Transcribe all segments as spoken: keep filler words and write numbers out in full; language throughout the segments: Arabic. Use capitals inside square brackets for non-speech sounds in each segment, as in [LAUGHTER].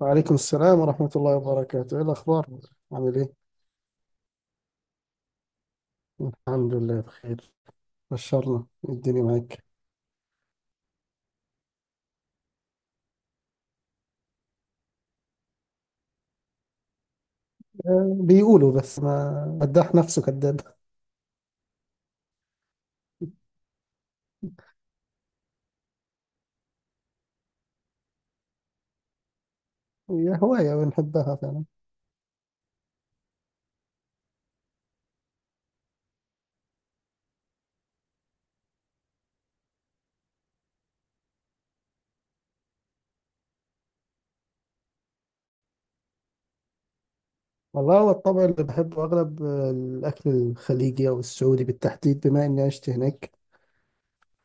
وعليكم السلام ورحمة الله وبركاته، إيه الأخبار؟ عامل إيه؟ الحمد لله بخير. بشرنا إيه الدنيا معاك. آه، بيقولوا بس ما مداح نفسه كذاب. هي هواية بنحبها فعلا. والله هو الطبع اللي بحبه أغلب آه، الأكل الخليجي أو السعودي بالتحديد، بما إني عشت هناك،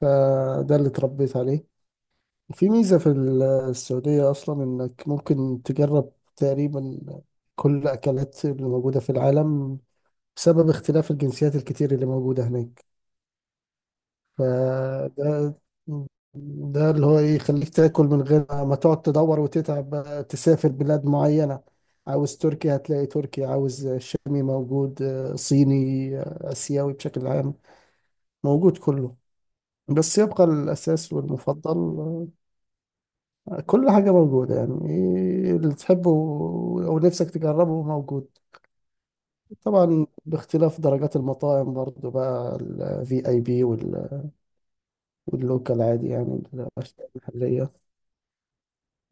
فده اللي اتربيت عليه. في ميزة في ال- السعودية أصلا إنك ممكن تجرب تقريبا كل الأكلات اللي موجودة في العالم، بسبب اختلاف الجنسيات الكتير اللي موجودة هناك. فده ده اللي هو إيه، يخليك تاكل من غير ما ما تقعد تدور وتتعب، بقى تسافر بلاد معينة. عاوز تركيا هتلاقي تركيا، عاوز شامي موجود، آه، صيني، آه، آسيوي بشكل عام موجود كله. بس يبقى الأساس والمفضل، آه، كل حاجة موجودة، يعني إيه اللي تحبه أو نفسك تجربه موجود. طبعا باختلاف درجات المطاعم برضو، بقى الفي اي بي واللوكال عادي، يعني الأشياء المحلية.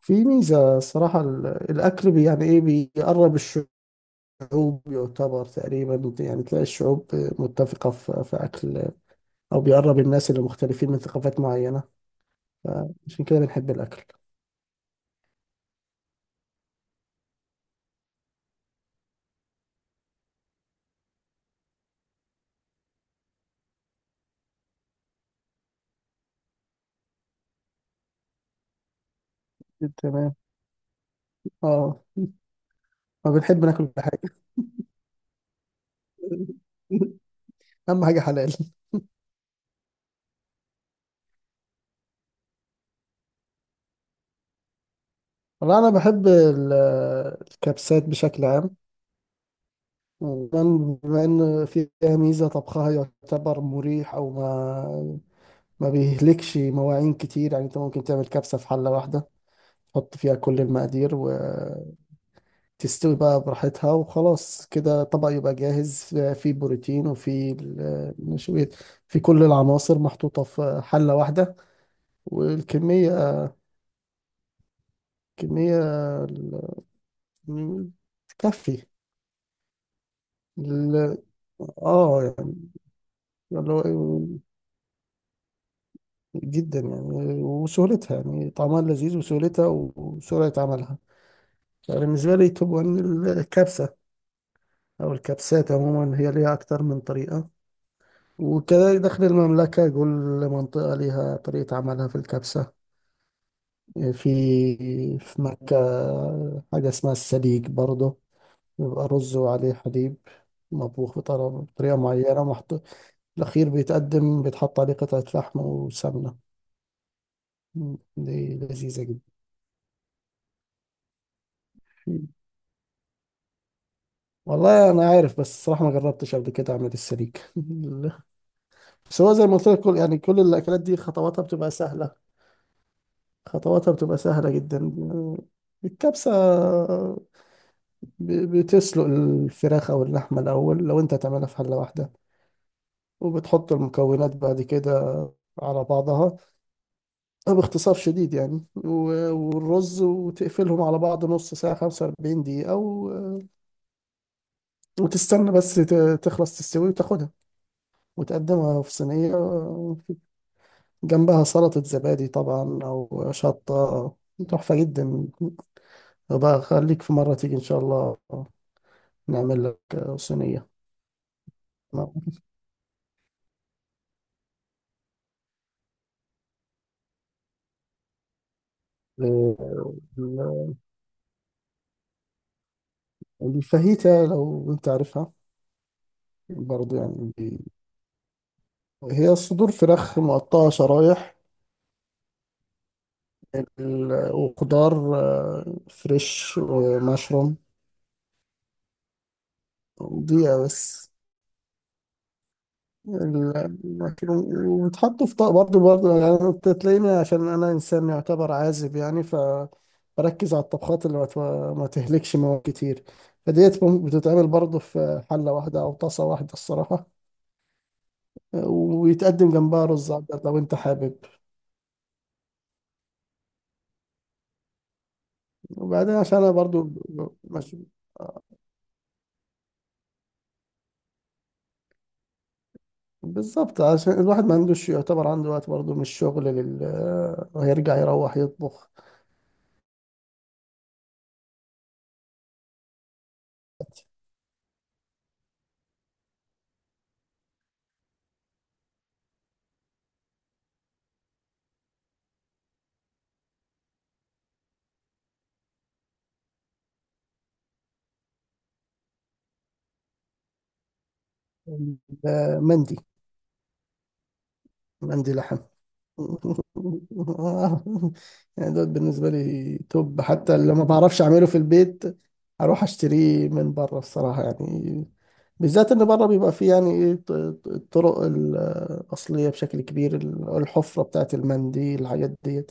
في ميزة الصراحة ال- الأكل بي- يعني إيه، بيقرب الشعوب، يعتبر تقريبا يعني تلاقي الشعوب متفقة في في أكل، أو بيقرب الناس اللي مختلفين من ثقافات معينة، فعشان كده بنحب الأكل. تمام. آه. ما بنحب ناكل كل حاجة. [LAUGHS] أهم حاجة حلال. والله أنا بحب ال- الكبسات بشكل عام، وكمان بما إن فيها ميزة طبخها، يعتبر مريح، أو ما ما بيهلكش مواعين كتير. يعني أنت ممكن تعمل كبسة في حلة واحدة، حط فيها كل المقادير وتستوي بقى براحتها، وخلاص كده طبق يبقى جاهز. فيه بروتين وفيه النشويات، في كل العناصر محطوطة في حلة واحدة. والكمية، كمية ال- تكفي. ال- اه يعني اللي هو جدا يعني، وسهولتها، يعني طعمها لذيذ وسهولتها وسرعة عملها. يعني بالنسبة لي توب وان الكبسة، أو الكبسات عموما، هي ليها أكتر من طريقة. وكذلك داخل المملكة كل منطقة لها طريقة عملها في الكبسة. في في مكة حاجة اسمها السليق برضه، بيبقى رز وعليه حليب، مطبوخ بطر- بطريقة معينة، محط... الأخير بيتقدم، بيتحط عليه قطعة لحم وسمنة. مم، دي لذيذة جدا. والله أنا عارف، بس الصراحة ما جربتش قبل كده أعمل السليق. [LAUGHS] بس هو زي ما قلت لك، كل يعني كل الأكلات دي خطواتها بتبقى سهلة، خطواتها بتبقى سهلة جدا. الكبسة، ب- بتسلق الفراخ أو اللحمة الأول لو أنت هتعملها في حلة واحدة، وبتحط المكونات بعد كده على بعضها، باختصار شديد يعني، و- والرز، وتقفلهم على بعض نص ساعة، خمسة وأربعين دقيقة، و- وتستنى بس ت- تخلص تستوي وتاخدها وتقدمها في صينية، جنبها سلطة زبادي طبعا أو شطة. تحفة جدا. بقى خليك في مرة تيجي إن شاء الله، نعمل لك صينية. نعم. الفاهيتا لو انت عارفها، برضه يعني بي- هي صدور فراخ مقطعة شرايح، ال- وخضار آه، فريش ومشروم. دقيقة بس. ال- المشروم- وبتحطوا في طبق برضه. برضه يعني انت تلاقيني، عشان انا انسان يعتبر عازب، يعني ف بركز على الطبخات اللي ما ت- ما تهلكش مواد كتير، فديت مم- بتتعمل برضه في حلة واحدة أو طاسة واحدة الصراحة. ويتقدم جنبها رز أبيض لو أنت حابب. وبعدين عشان انا برضو مش بالظبط، عشان الواحد ما عندوش، يعتبر عنده وقت برضو من الشغل لل... ويرجع يروح يطبخ. ال- آه، مندي. مندي لحم. [LAUGHS] يعني دوت بالنسبة لي توب، حتى لو ما بعرفش أعمله في البيت أروح أشتريه من بره الصراحة. يعني بالذات إن بره بيبقى فيه يعني إيه ط- ط- الطرق الأصلية بشكل كبير، ال- الحفرة بتاعت المنديل، الحاجات ديت.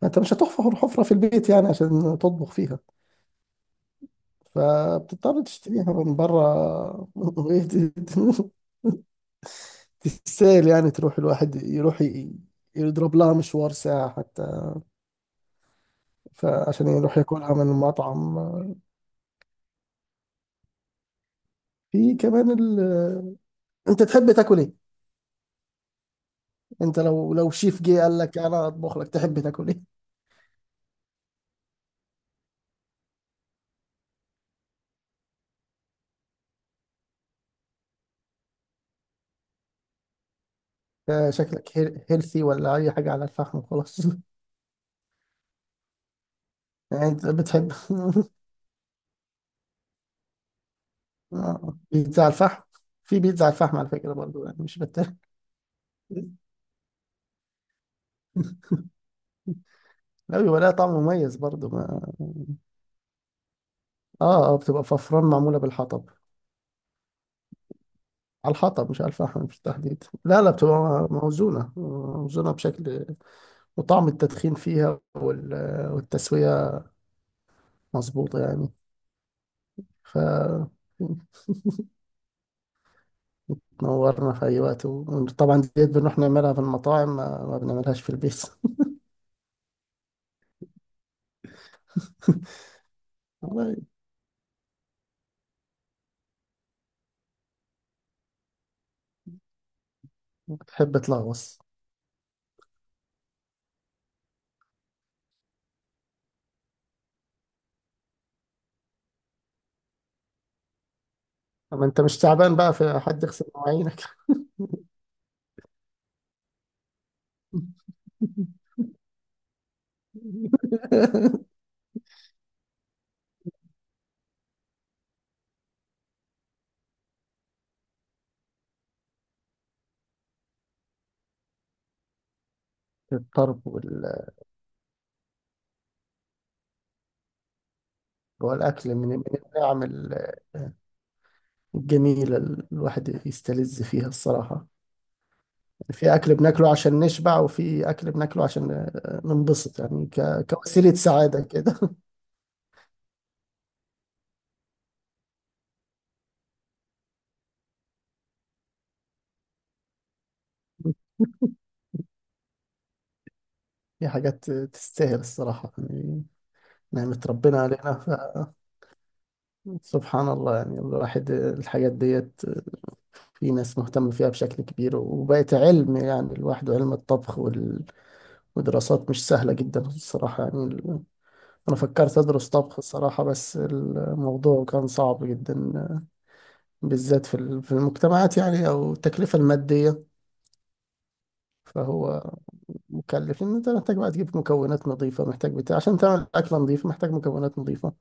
فأنت مش هتحفر حفرة في البيت يعني عشان تطبخ فيها، فبتضطر تشتريها من برا. [LAUGHS] وإيه، ت- تستاهل يعني تروح، الواحد يروح ي- يضرب لها مشوار ساعة حتى، فعشان يروح ياكلها من المطعم. في كمان ال... [LAUGHS] انت تحب تاكل ايه؟ انت لو لو شيف جه قال لك انا اطبخ لك، تحب تاكل ايه؟ [LAUGHS] آه، شكلك هيلثي، ولا اي حاجة على الفحم وخلاص. [LAUGHS] يعني انت بتحب. [LAUGHS] آه، بيتزا على الفحم. في بيتزا على الفحم على فكرة برضو، يعني مش بتاكل. [LAUGHS] لا، بيبقى لها طعم مميز برضه، ما... اه اه بتبقى ففران معمولة بالحطب، على الحطب مش على الفحم بالتحديد. لا لا، بتبقى موزونة، موزونة بشكل وطعم التدخين فيها وال... والتسوية مظبوطة يعني. ف تنورنا في أي وقت، وطبعا ديت بنروح نعملها في المطاعم، ما, ما بنعملهاش في البيت. [LAUGHS] والله. بتحب تلغوص. أما أنت مش تعبان بقى في حد يغسل مواعينك. [LAUGHS] الطرب وال... والأكل من من النعم جميلة، الواحد يستلذ فيها الصراحة. في أكل بناكله عشان نشبع، وفي أكل بناكله عشان آه، ننبسط، يعني ك... كوسيلة سعادة كده. [LAUGHS] في حاجات تستاهل الصراحة يعني، نعمة ربنا علينا ف... سبحان الله. يعني الواحد الحاجات ديت، في ناس مهتمة فيها بشكل كبير، وبقت علم يعني، الواحد علم الطبخ وال... ودراسات مش سهلة جدا الصراحة، يعني ال- أنا فكرت أدرس طبخ الصراحة، بس الموضوع كان صعب جدا، بالذات في ال- في المجتمعات يعني، أو التكلفة المادية. فهو مكلف، إن أنت محتاج بقى تجيب مكونات نظيفة، محتاج بتاع عشان تعمل أكلة نظيفة، محتاج مكونات نظيفة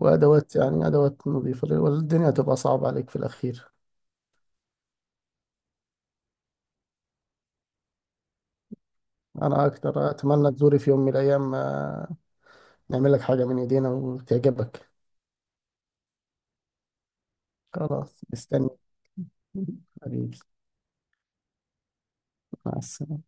وأدوات، يعني أدوات نظيفة، والدنيا هتبقى صعبة عليك في الأخير. أنا أكتر أتمنى تزوري في يوم من الأيام، آه، نعمل لك حاجة من إيدينا وتعجبك. خلاص مستني، حبيبي. مع السلامة.